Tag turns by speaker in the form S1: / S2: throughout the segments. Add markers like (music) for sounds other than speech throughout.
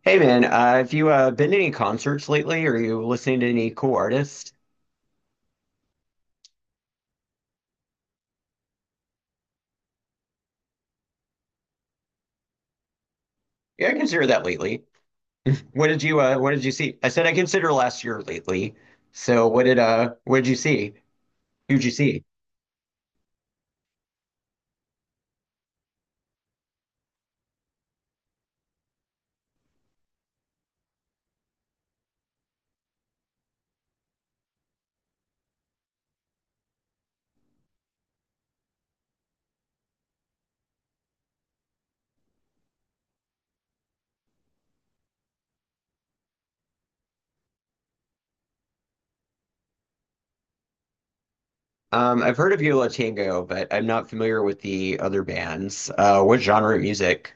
S1: Hey man, have you been to any concerts lately? Are you listening to any cool artists? Yeah, I consider that lately. What did you see? I said I consider last year lately. So what did you see? Who'd you see? I've heard of Yola Tango, but I'm not familiar with the other bands. What genre of music?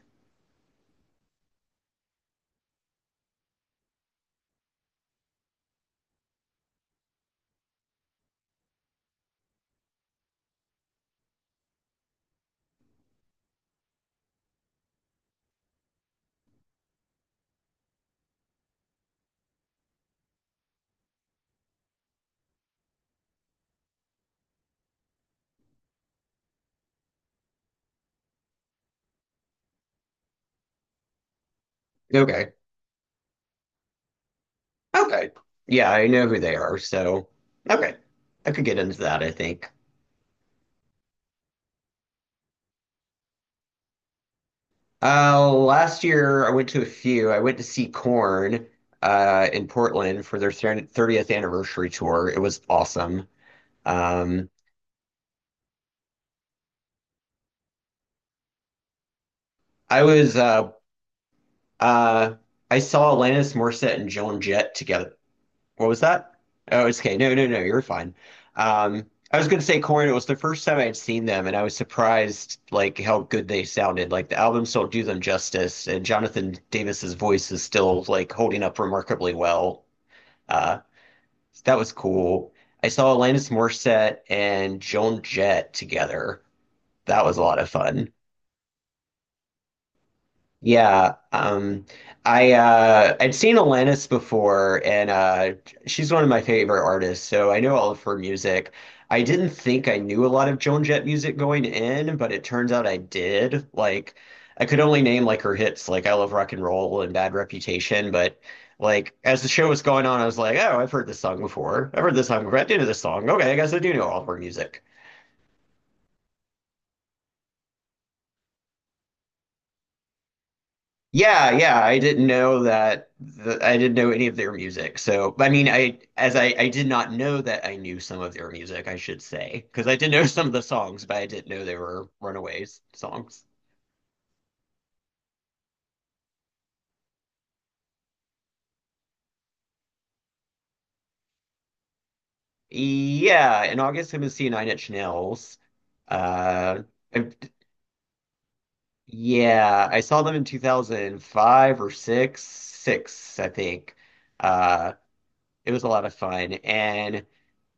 S1: Okay. Okay. Yeah, I know who they are, so okay. I could get into that, I think. Last year I went to a few. I went to see Corn in Portland for their 30th anniversary tour. It was awesome. Um, I was uh I saw Alanis Morissette and Joan Jett together. What was that? Oh, it's okay. No, no, no, you're fine. I was gonna say Corn. It was the first time I had seen them, and I was surprised like how good they sounded. Like the albums don't do them justice, and Jonathan Davis's voice is still like holding up remarkably well. Uh, So that was cool. I saw Alanis Morissette and Joan Jett together. That was a lot of fun. Yeah, I I'd seen Alanis before, and she's one of my favorite artists, so I know all of her music. I didn't think I knew a lot of Joan Jett music going in, but it turns out I did. Like, I could only name like her hits, like "I Love Rock and Roll" and "Bad Reputation," but like as the show was going on, I was like, "Oh, I've heard this song before. I've heard this song before. I do know this song. Okay, I guess I do know all of her music." Yeah, yeah, I didn't know that I didn't know any of their music. So, I mean, I as I did not know that I knew some of their music, I should say, because I did know (laughs) some of the songs, but I didn't know they were Runaways songs. Yeah, in August I'm gonna see Nine Inch Nails. Uh, I, yeah, I saw them in 2005 or six, I think. Uh, it was a lot of fun. And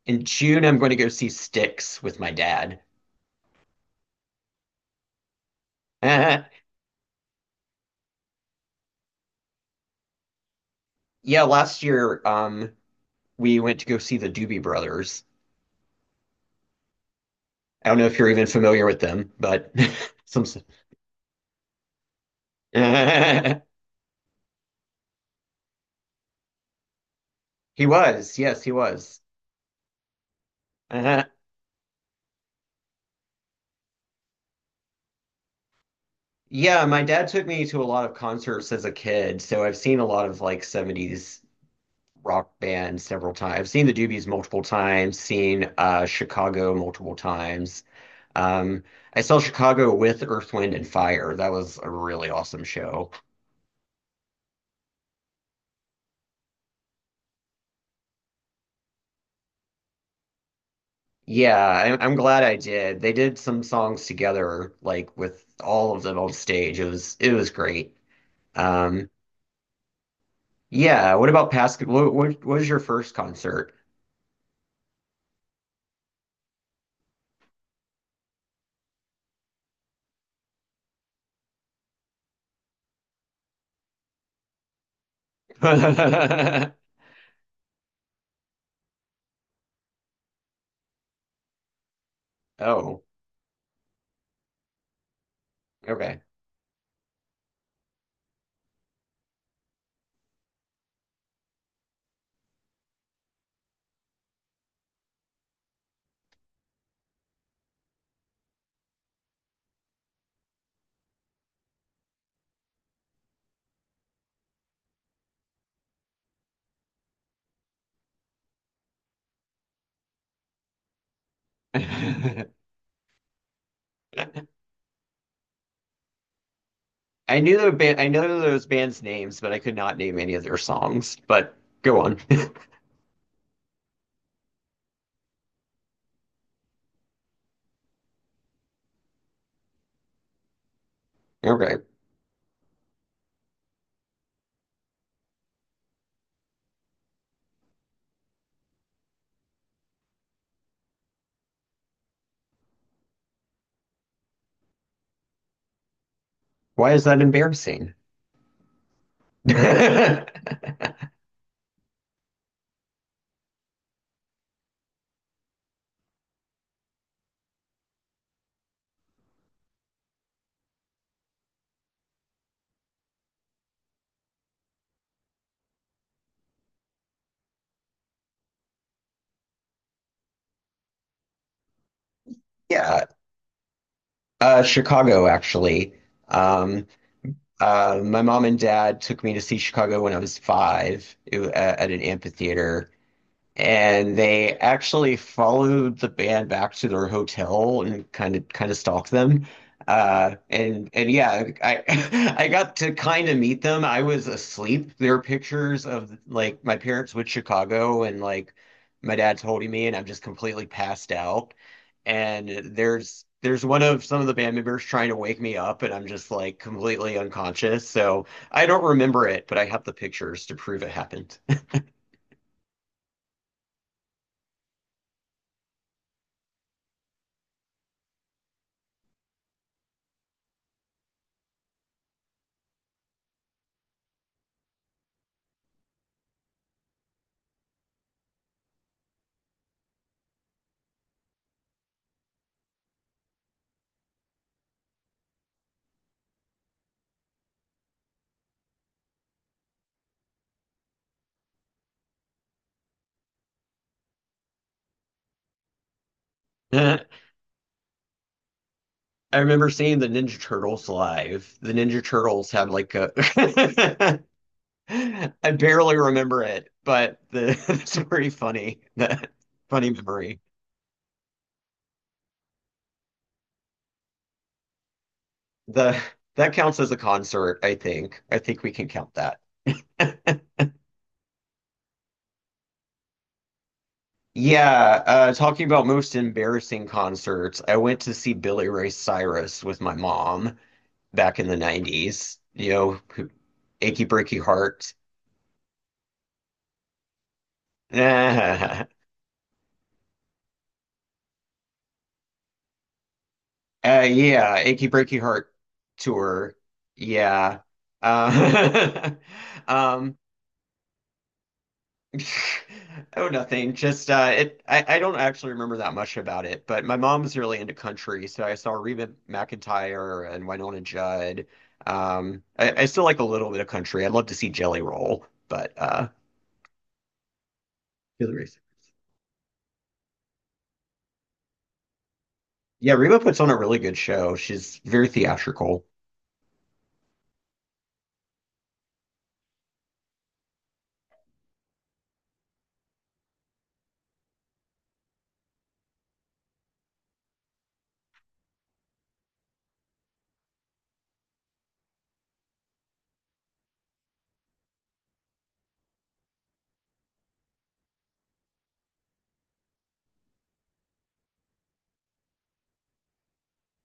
S1: in June I'm going to go see Styx with my dad. (laughs) Yeah, last year we went to go see the Doobie Brothers. I don't know if you're even familiar with them, but (laughs) some (laughs) he was. Yes, he was. (laughs) Uh-huh. Yeah, my dad took me to a lot of concerts as a kid, so I've seen a lot of like 70s rock bands several times. I've seen the Doobies multiple times, seen Chicago multiple times. Um, I saw Chicago with Earth, Wind and Fire. That was a really awesome show. Yeah, I'm glad I did. They did some songs together, like with all of them on stage. It was great. Um, yeah. What about past? What was your first concert? (laughs) Oh, okay. (laughs) I knew the band. I know those bands' names, but I could not name any of their songs. But go on. (laughs) Okay. Why is that embarrassing? (laughs) Yeah, Chicago actually. Um, Uh, my mom and dad took me to see Chicago when I was five at an amphitheater. And they actually followed the band back to their hotel and kind of stalked them. And yeah, I (laughs) I got to kind of meet them. I was asleep. There are pictures of like my parents with Chicago and like my dad's holding me and I'm just completely passed out. And there's one of some of the band members trying to wake me up and I'm just like completely unconscious. So I don't remember it, but I have the pictures to prove it happened. (laughs) I remember seeing the Ninja Turtles live. The Ninja Turtles had like a (laughs) I barely remember it, but the (laughs) it's pretty funny. That funny memory. The That counts as a concert, I think. I think we can count that. (laughs) Yeah, uh, talking about most embarrassing concerts, I went to see Billy Ray Cyrus with my mom back in the 90s. You know, who- Achy Breaky Heart. (laughs) Yeah, Achy Breaky Heart tour. Yeah. Uh, (laughs) um, (laughs) oh, nothing. Just it. I don't actually remember that much about it, but my mom was really into country, so I saw Reba McEntire and Winona Judd. I still like a little bit of country. I'd love to see Jelly Roll, but for the reason. Yeah, Reba puts on a really good show. She's very theatrical.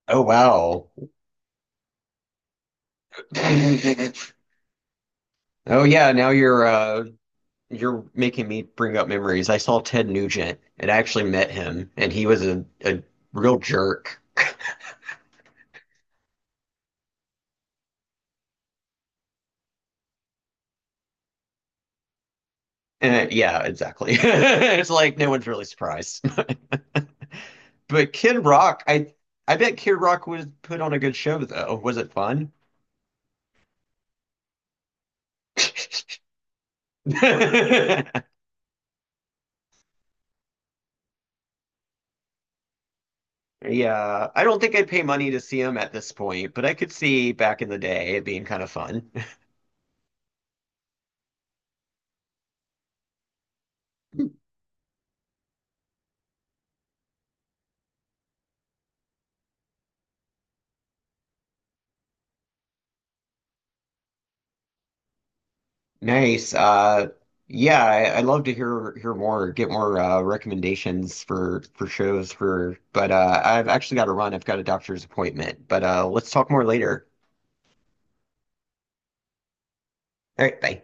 S1: Oh wow. (laughs) Oh yeah, now you're uh, you're making me bring up memories. I saw Ted Nugent and I actually met him, and he was a real jerk. And yeah, exactly. (laughs) It's like no one's really surprised. (laughs) But Kid Rock, I bet Kid Rock was put on a good show though. Was it fun? (laughs) Yeah, I don't think I'd pay money to see him at this point, but I could see back in the day it being kind of fun. Nice. Yeah, I'd love to hear more, get more recommendations for shows for. But I've actually got to run. I've got a doctor's appointment. But let's talk more later. All right, bye.